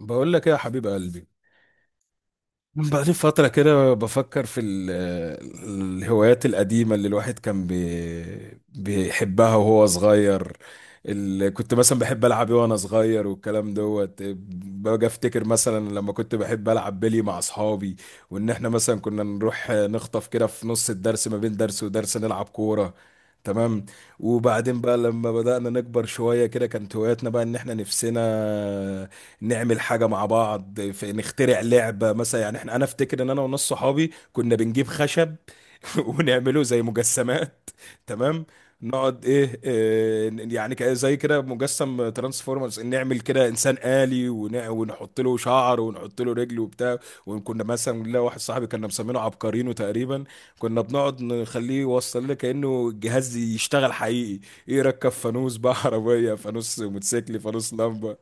بقول لك ايه يا حبيب قلبي. بقالي فترة كده بفكر في الهوايات القديمة اللي الواحد كان بيحبها وهو صغير، اللي كنت مثلا بحب ألعب إيه وأنا صغير والكلام دوت. باجي أفتكر مثلا لما كنت بحب ألعب بلي مع أصحابي، وإن إحنا مثلا كنا نروح نخطف كده في نص الدرس، ما بين درس ودرس نلعب كورة. تمام. وبعدين بقى لما بدأنا نكبر شوية كده كانت هواياتنا بقى إن إحنا نفسنا نعمل حاجة مع بعض، في نخترع لعبة مثلا. يعني احنا، انا افتكر ان انا وناس صحابي كنا بنجيب خشب ونعمله زي مجسمات. تمام. نقعد ايه, إيه يعني زي كده مجسم ترانسفورمرز، نعمل كده انسان آلي ونحط له شعر ونحط له رجل وبتاع. وكنا مثلا، لا واحد صاحبي كنا مسمينه عبقرينو تقريبا، كنا بنقعد نخليه يوصل لنا كأنه الجهاز يشتغل حقيقي. يركب فانوس بقى عربية فانوس، موتوسيكل فانوس، لمبة.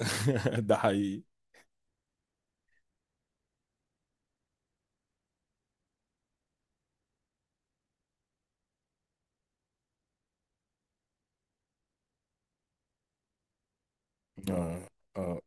ده حقيقي. اه. اه.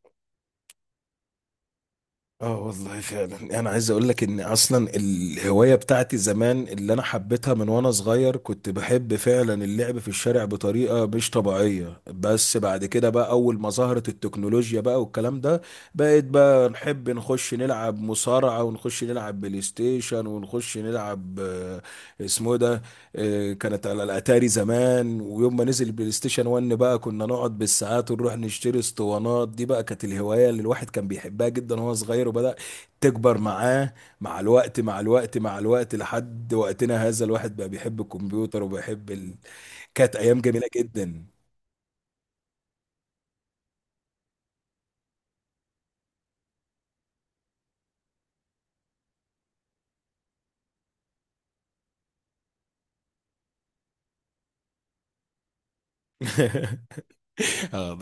اه والله فعلا. انا عايز اقول لك ان اصلا الهوايه بتاعتي زمان اللي انا حبيتها من وانا صغير كنت بحب فعلا اللعب في الشارع بطريقه مش طبيعيه. بس بعد كده بقى اول ما ظهرت التكنولوجيا بقى والكلام ده، بقيت بقى نحب نخش نلعب مصارعه، ونخش نلعب بلاي ستيشن، ونخش نلعب اسمه إيه ده، كانت على الاتاري زمان. ويوم ما نزل البلاي ستيشن 1 بقى كنا نقعد بالساعات، ونروح نشتري اسطوانات. دي بقى كانت الهوايه اللي الواحد كان بيحبها جدا وهو صغير، وبدا تكبر معاه مع الوقت مع الوقت مع الوقت لحد وقتنا هذا. الواحد بقى بيحب الكمبيوتر وبيحب كانت ايام جميله جدا. اه.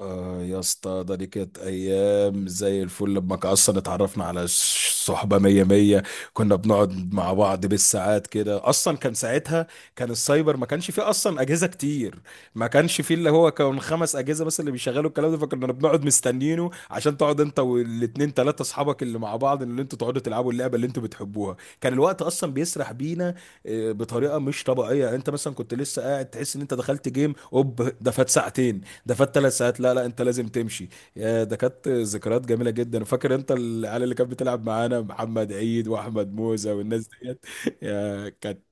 آه يا اسطى، ده دي كانت ايام زي الفل. لما اصلا اتعرفنا على صحبه مية مية، كنا بنقعد مع بعض بالساعات كده. اصلا كان ساعتها كان السايبر، ما كانش فيه اصلا اجهزه كتير. ما كانش فيه، اللي هو كان خمس اجهزه بس اللي بيشغلوا الكلام ده، فكنا بنقعد مستنينه عشان تقعد انت والاتنين تلاته اصحابك اللي مع بعض اللي انتوا تقعدوا تلعبوا اللعبه اللي انتوا بتحبوها. كان الوقت اصلا بيسرح بينا بطريقه مش طبيعيه. يعني انت مثلا كنت لسه قاعد، تحس ان انت دخلت جيم اوب، ده فات ساعتين، ده فات ثلاث ساعات. لا انت لازم تمشي. يا ده كانت ذكريات جميله جدا. فاكر انت العيال اللي كانت بتلعب معانا؟ محمد عيد، واحمد موزه، والناس ديت. يا كانت.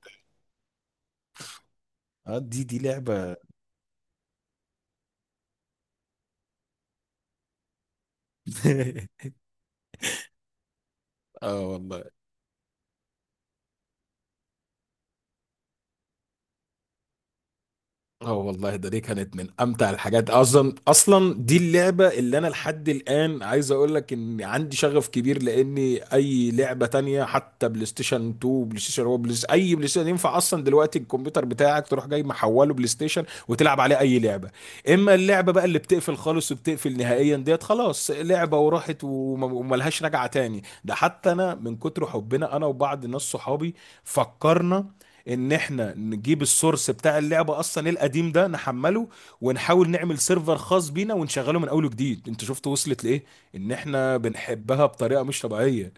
اه دي لعبه. اه والله. اه والله، ده دي كانت من امتع الحاجات اصلا. اصلا دي اللعبه اللي انا لحد الان عايز اقول لك ان عندي شغف كبير، لاني اي لعبه تانية حتى بلاي ستيشن 2، بلاي ستيشن 1، بلاي ستيشن اي بلاي ستيشن، ينفع اصلا دلوقتي الكمبيوتر بتاعك تروح جاي محوله بلاي ستيشن وتلعب عليه اي لعبه. اما اللعبه بقى اللي بتقفل خالص وبتقفل نهائيا ديت، خلاص لعبه وراحت وملهاش رجعه تاني. ده حتى انا من كتر حبنا، انا وبعض ناس صحابي، فكرنا ان احنا نجيب السورس بتاع اللعبه اصلا القديم ده، نحمله ونحاول نعمل سيرفر خاص بينا ونشغله من اول وجديد. انت شفت وصلت لايه؟ ان احنا بنحبها بطريقه مش طبيعيه.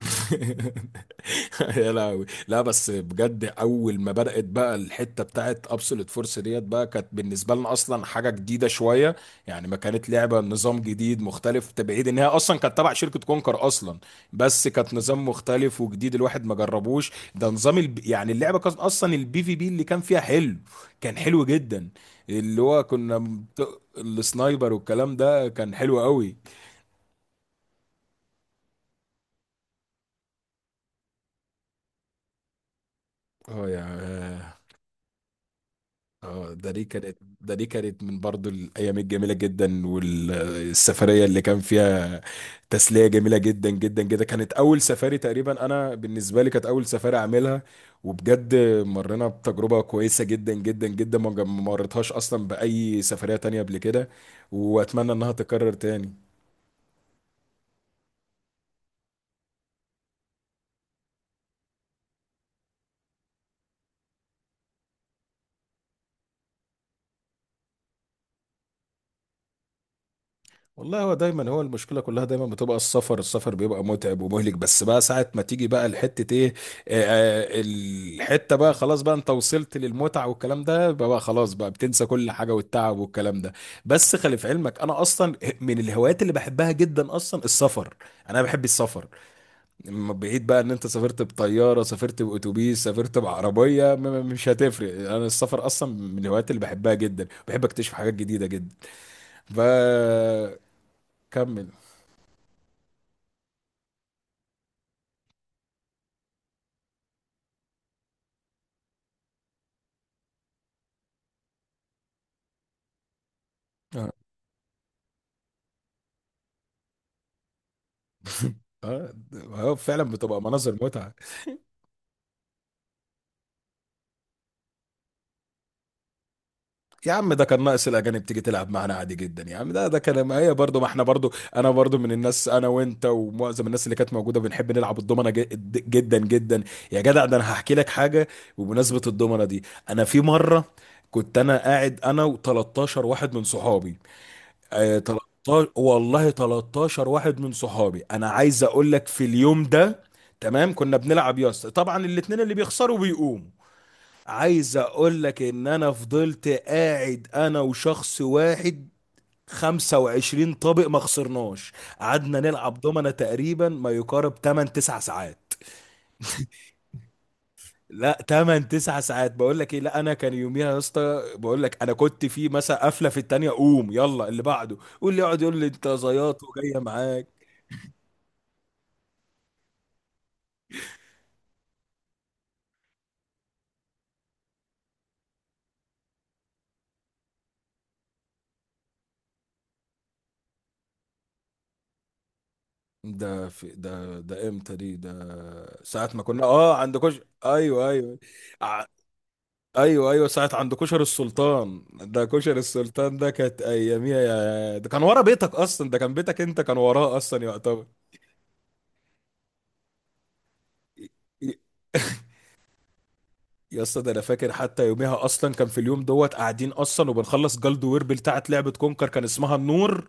يا لهوي. لا بس بجد، اول ما بدات بقى الحته بتاعت ابسولوت فورس ديت بقى، كانت بالنسبه لنا اصلا حاجه جديده شويه. يعني ما كانت لعبه نظام جديد مختلف، تبعيد ان هي اصلا كانت تبع شركه كونكر اصلا، بس كانت نظام مختلف وجديد. الواحد ما جربوش ده. نظام يعني اللعبه كانت اصلا البي في بي اللي كان فيها حلو، كان حلو جدا. اللي هو كنا السنايبر والكلام ده كان حلو قوي. اه يا اه، ده دي كانت من برضو الايام الجميله جدا. والسفريه اللي كان فيها تسليه جميله جدا جدا جدا، كانت اول سفاري تقريبا انا بالنسبه لي، كانت اول سفاري اعملها. وبجد مرينا بتجربه كويسه جدا جدا جدا، ما مريتهاش اصلا باي سفريه تانية قبل كده. واتمنى انها تتكرر تاني. والله هو دايما، هو المشكله كلها دايما بتبقى السفر. السفر بيبقى متعب ومهلك، بس بقى ساعه ما تيجي بقى الحته ايه، آه، الحته بقى خلاص، بقى انت وصلت للمتعه والكلام ده بقى, بقى خلاص بقى بتنسى كل حاجه والتعب والكلام ده. بس خلي في علمك، انا اصلا من الهوايات اللي بحبها جدا اصلا السفر. انا بحب السفر. بعيد بقى ان انت سافرت بطياره، سافرت باتوبيس، سافرت بعربيه، مش هتفرق. انا السفر اصلا من الهوايات اللي بحبها جدا. بحب اكتشف حاجات جديده جدا، فكمل. اه. اه. فعلا بتبقى مناظر متعه. يا عم ده كان ناقص الاجانب تيجي تلعب معانا عادي جدا. يا عم ده ده كان، ما هي برضه ما احنا برضه، انا برضه من الناس، انا وانت ومعظم الناس اللي كانت موجوده بنحب نلعب الضمنه جدا جدا. يا جدع، ده انا هحكي لك حاجه بمناسبه الضمنه دي. انا في مره كنت انا قاعد انا و13 واحد من صحابي. آه 13 والله، 13 واحد من صحابي. انا عايز اقول لك في اليوم ده، تمام، كنا بنلعب يا اسطى. طبعا الاتنين اللي بيخسروا بيقوموا. عايز اقول لك ان انا فضلت قاعد انا وشخص واحد 25 طابق ما خسرناش. قعدنا نلعب دومنا تقريبا ما يقارب 8 9 ساعات. لا 8 9 ساعات بقول لك ايه. لا انا كان يوميها يا اسطى بقول لك، انا كنت في مثلا قفله في التانية قوم يلا اللي بعده، واللي يقعد يقول لي انت زياط وجايه معاك. ده في، ده ده امتى دي، ده ساعة ما كنا اه عندكوش. ايوه ايوه. ايوه ايوه. ساعه عند كشر السلطان ده. كشر السلطان ده كانت اياميها. يا ده كان ورا بيتك اصلا، ده كان بيتك انت كان وراه اصلا يعتبر. يا اسطى ده انا فاكر حتى يوميها، اصلا كان في اليوم دوت قاعدين اصلا وبنخلص جلد ويربل بتاعت لعبه كونكر كان اسمها النور.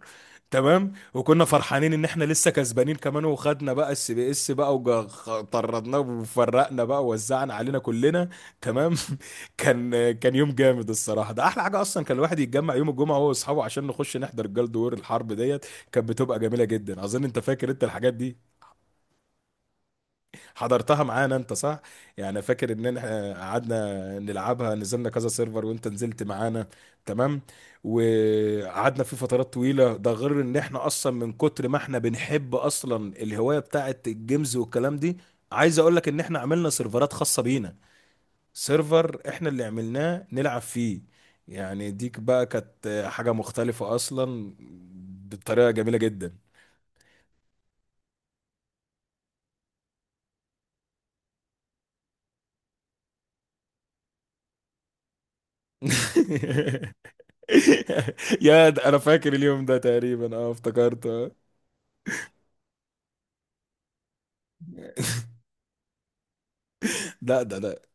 تمام. وكنا فرحانين ان احنا لسه كسبانين كمان، وخدنا بقى السي بي اس بقى وطردناه وفرقنا بقى ووزعنا علينا كلنا. تمام. كان كان يوم جامد الصراحه. ده احلى حاجه اصلا، كان الواحد يتجمع يوم الجمعه هو واصحابه عشان نخش نحضر جلد وير الحرب ديت. كانت بتبقى جميله جدا. اظن انت فاكر انت الحاجات دي، حضرتها معانا انت صح؟ يعني فاكر ان احنا قعدنا نلعبها، نزلنا كذا سيرفر وانت نزلت معانا. تمام. وقعدنا في فترات طويلة. ده غير ان احنا اصلا من كتر ما احنا بنحب اصلا الهواية بتاعت الجيمز والكلام دي، عايز اقول لك ان احنا عملنا سيرفرات خاصة بينا. سيرفر احنا اللي عملناه نلعب فيه. يعني ديك بقى كانت حاجة مختلفة اصلا بطريقة جميلة جدا. يا ده انا فاكر اليوم ده تقريبا. اه افتكرته. لا ده ده.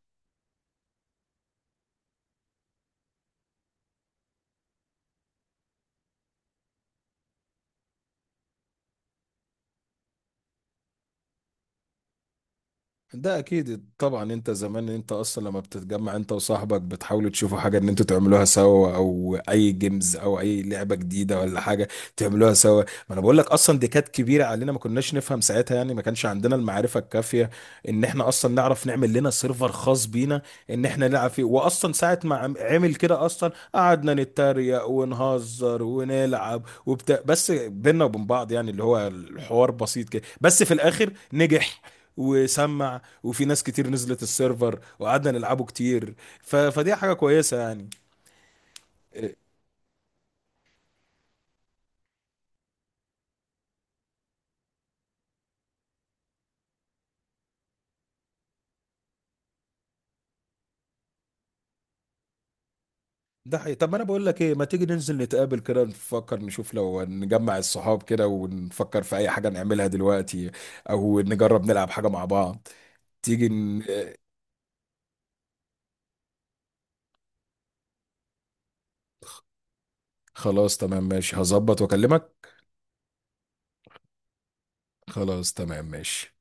ده اكيد طبعا. انت زمان انت اصلا لما بتتجمع انت وصاحبك بتحاولوا تشوفوا حاجه ان انتوا تعملوها سوا، او اي جيمز او اي لعبه جديده ولا حاجه تعملوها سوا. ما انا بقول لك اصلا دي كانت كبيره علينا، ما كناش نفهم ساعتها. يعني ما كانش عندنا المعرفه الكافيه ان احنا اصلا نعرف نعمل لنا سيرفر خاص بينا ان احنا نلعب فيه. واصلا ساعه ما عمل كده، اصلا قعدنا نتريق ونهزر ونلعب وبتاع بس بينا وبين بعض. يعني اللي هو الحوار بسيط كده، بس في الاخر نجح وسمع، وفي ناس كتير نزلت السيرفر وقعدنا نلعبه كتير. فدي حاجة كويسة يعني. إيه، ده حقيقي. طب ما انا بقول لك ايه، ما تيجي ننزل نتقابل كده، نفكر نشوف لو نجمع الصحاب كده ونفكر في اي حاجة نعملها دلوقتي، او نجرب نلعب حاجة مع بعض. تيجي خلاص تمام ماشي، هظبط واكلمك. خلاص تمام ماشي.